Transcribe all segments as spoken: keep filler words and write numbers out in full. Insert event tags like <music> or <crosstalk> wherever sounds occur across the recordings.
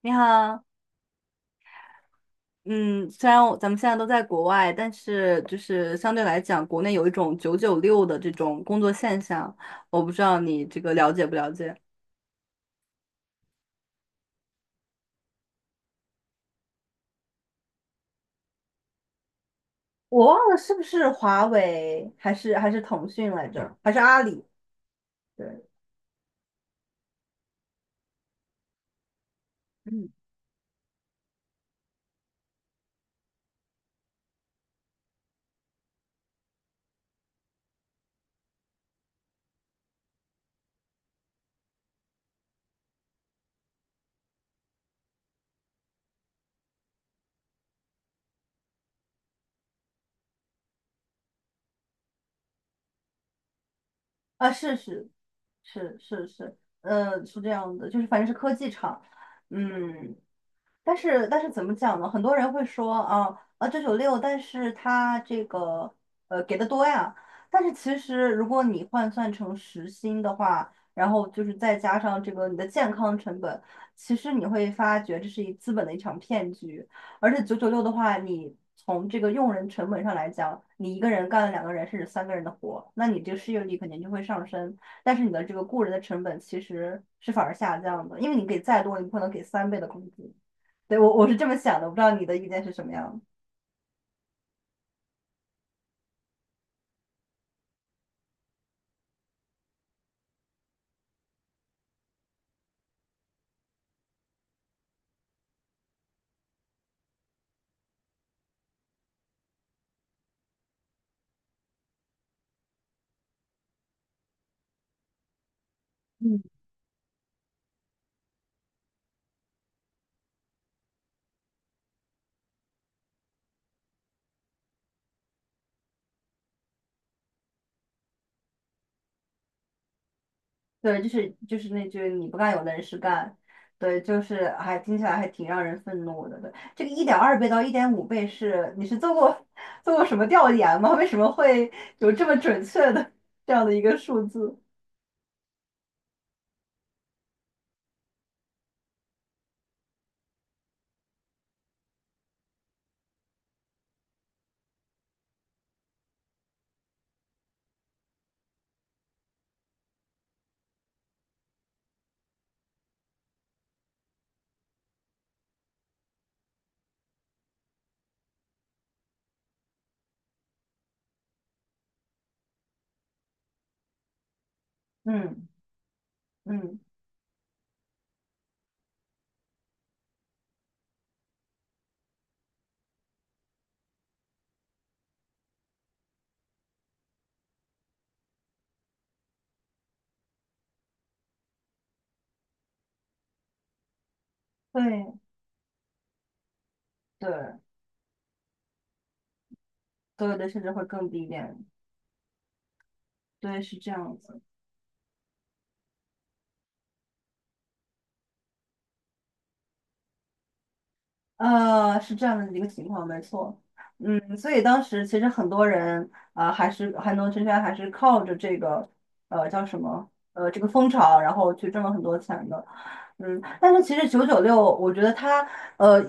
你好，嗯，虽然我咱们现在都在国外，但是就是相对来讲，国内有一种九九六的这种工作现象，我不知道你这个了解不了解。我忘了是不是华为还是还是腾讯来着，还是阿里？对，嗯，啊，是是是是是，呃，是这样的，就是反正是科技厂，嗯，但是但是怎么讲呢？很多人会说啊啊九九六，九九六但是他这个呃给的多呀。但是其实如果你换算成时薪的话，然后就是再加上这个你的健康成本，其实你会发觉这是一资本的一场骗局。而且九九六的话，你从这个用人成本上来讲，你一个人干了两个人甚至三个人的活，那你这个失业率肯定就会上升。但是你的这个雇人的成本其实是反而下降的，因为你给再多，你不可能给三倍的工资。对，我我是这么想的，我不知道你的意见是什么样的。嗯，对，就是就是那句你不干有的人是干，对，就是还听起来还挺让人愤怒的。对，这个一点二倍到一点五倍是你是做过 <laughs> 做过什么调研吗？为什么会有这么准确的这样的一个数字？嗯嗯，对对对对，甚至会更低一点。对，是这样子。呃，是这样的一个情况，没错。嗯，所以当时其实很多人啊、还是还能真正还是靠着这个呃叫什么呃这个风潮，然后去挣了很多钱的。嗯，但是其实九九六，我觉得它呃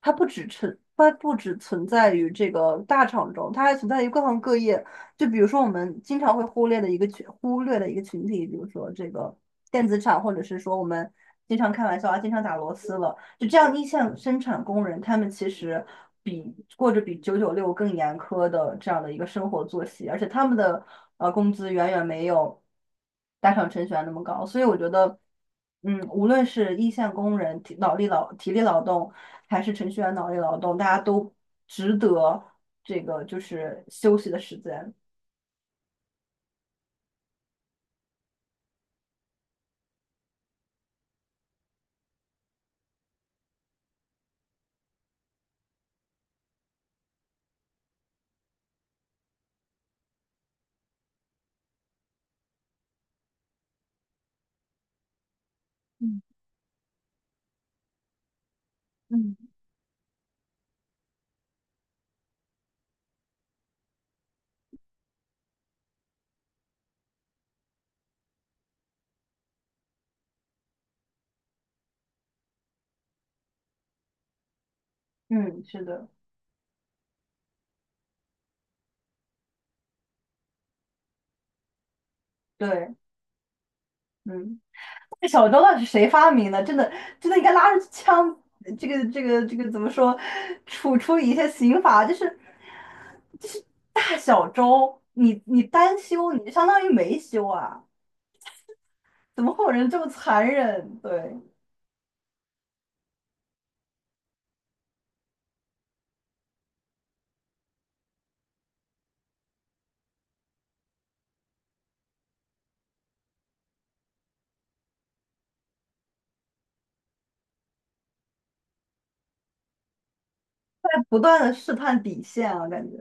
它不只存它不只存在于这个大厂中，它还存在于各行各业。就比如说我们经常会忽略的一个群忽略的一个群体，比如说这个电子厂，或者是说我们，经常开玩笑啊，经常打螺丝了。就这样，一线生产工人他们其实比过着比九九六更严苛的这样的一个生活作息，而且他们的呃工资远远没有大厂程序员那么高。所以我觉得，嗯，无论是一线工人体脑力劳体力劳动，还是程序员脑力劳动，大家都值得这个就是休息的时间。嗯，是的，对，嗯。这小周到底是谁发明的？真的，真的应该拉着枪，这个这个这个怎么说，处处理一些刑法，就是就是大小周，你你单休，你就相当于没休啊，怎么会有人这么残忍？对，在不断的试探底线啊，感觉。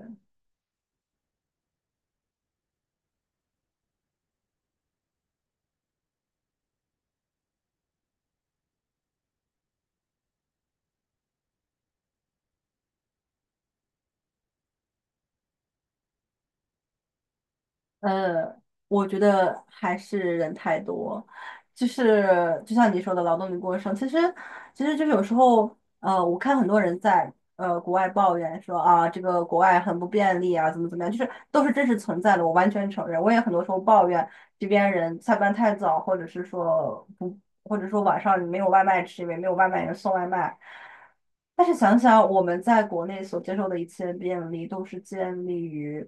呃，我觉得还是人太多，就是就像你说的劳动力过剩，其实其实就是有时候，呃，我看很多人在呃国外抱怨说啊，这个国外很不便利啊，怎么怎么样，就是都是真实存在的，我完全承认，我也很多时候抱怨这边人下班太早，或者是说不，或者说晚上没有外卖吃，因为没有外卖人送外卖。但是想想我们在国内所接受的一切便利，都是建立于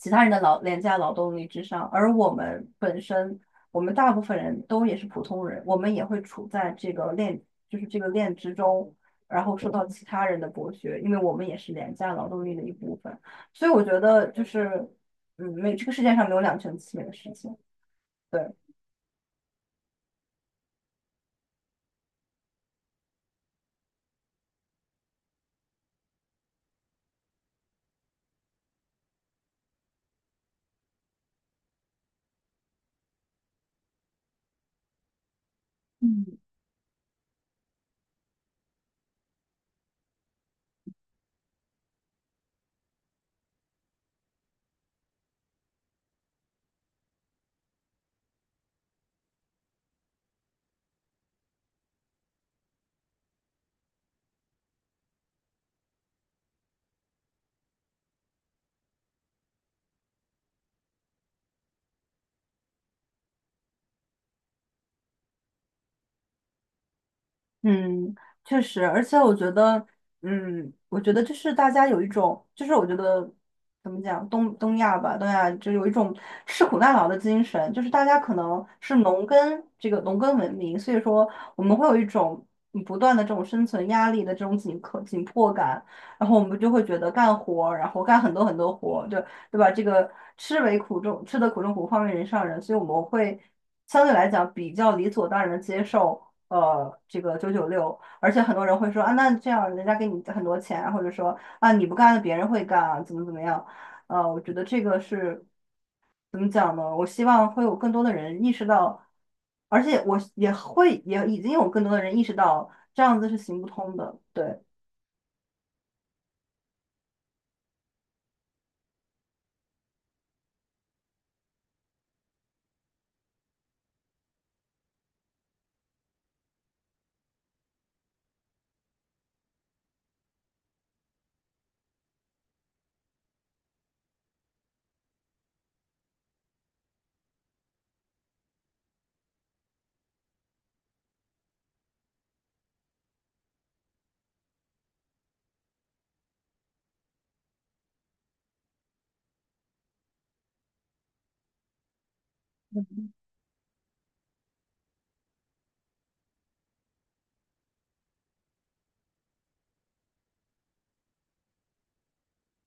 其他人的劳廉价劳动力之上，而我们本身，我们大部分人都也是普通人，我们也会处在这个链，就是这个链之中，然后受到其他人的剥削，因为我们也是廉价劳动力的一部分，所以我觉得就是，嗯，没这个世界上没有两全其美的事情，对。嗯。嗯，确实，而且我觉得，嗯，我觉得就是大家有一种，就是我觉得怎么讲，东东亚吧，东亚就有一种吃苦耐劳的精神，就是大家可能是农耕这个农耕文明，所以说我们会有一种嗯不断的这种生存压力的这种紧迫紧迫感，然后我们就会觉得干活儿然后干很多很多活就对对吧？这个吃为苦中吃得苦中苦，方为人上人，所以我们会相对来讲比较理所当然的接受。呃这个九九六，而且很多人会说啊，那这样人家给你很多钱，或者说啊你不干了，别人会干，啊，怎么怎么样？呃，我觉得这个是怎么讲呢？我希望会有更多的人意识到，而且我也会也已经有更多的人意识到这样子是行不通的，对，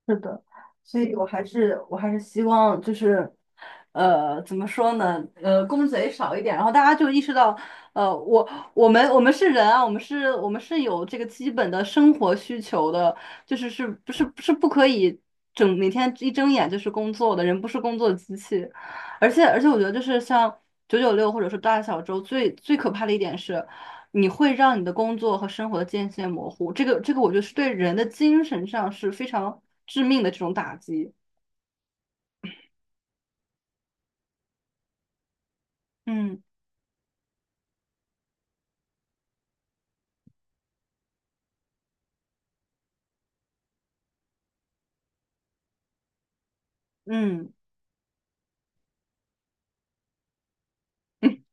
是的，所以我还是我还是希望就是。呃，怎么说呢？呃，公贼少一点，然后大家就意识到，呃，我我们我们是人啊，我们是我们是有这个基本的生活需求的，就是是不是是不可以整每天一睁眼就是工作的，人不是工作机器，而且而且我觉得就是像九九六或者是大小周最最可怕的一点是，你会让你的工作和生活的界限模糊，这个这个我觉得是对人的精神上是非常致命的这种打击。嗯嗯，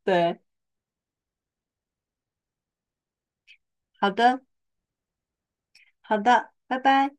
对，好的。好的，拜拜。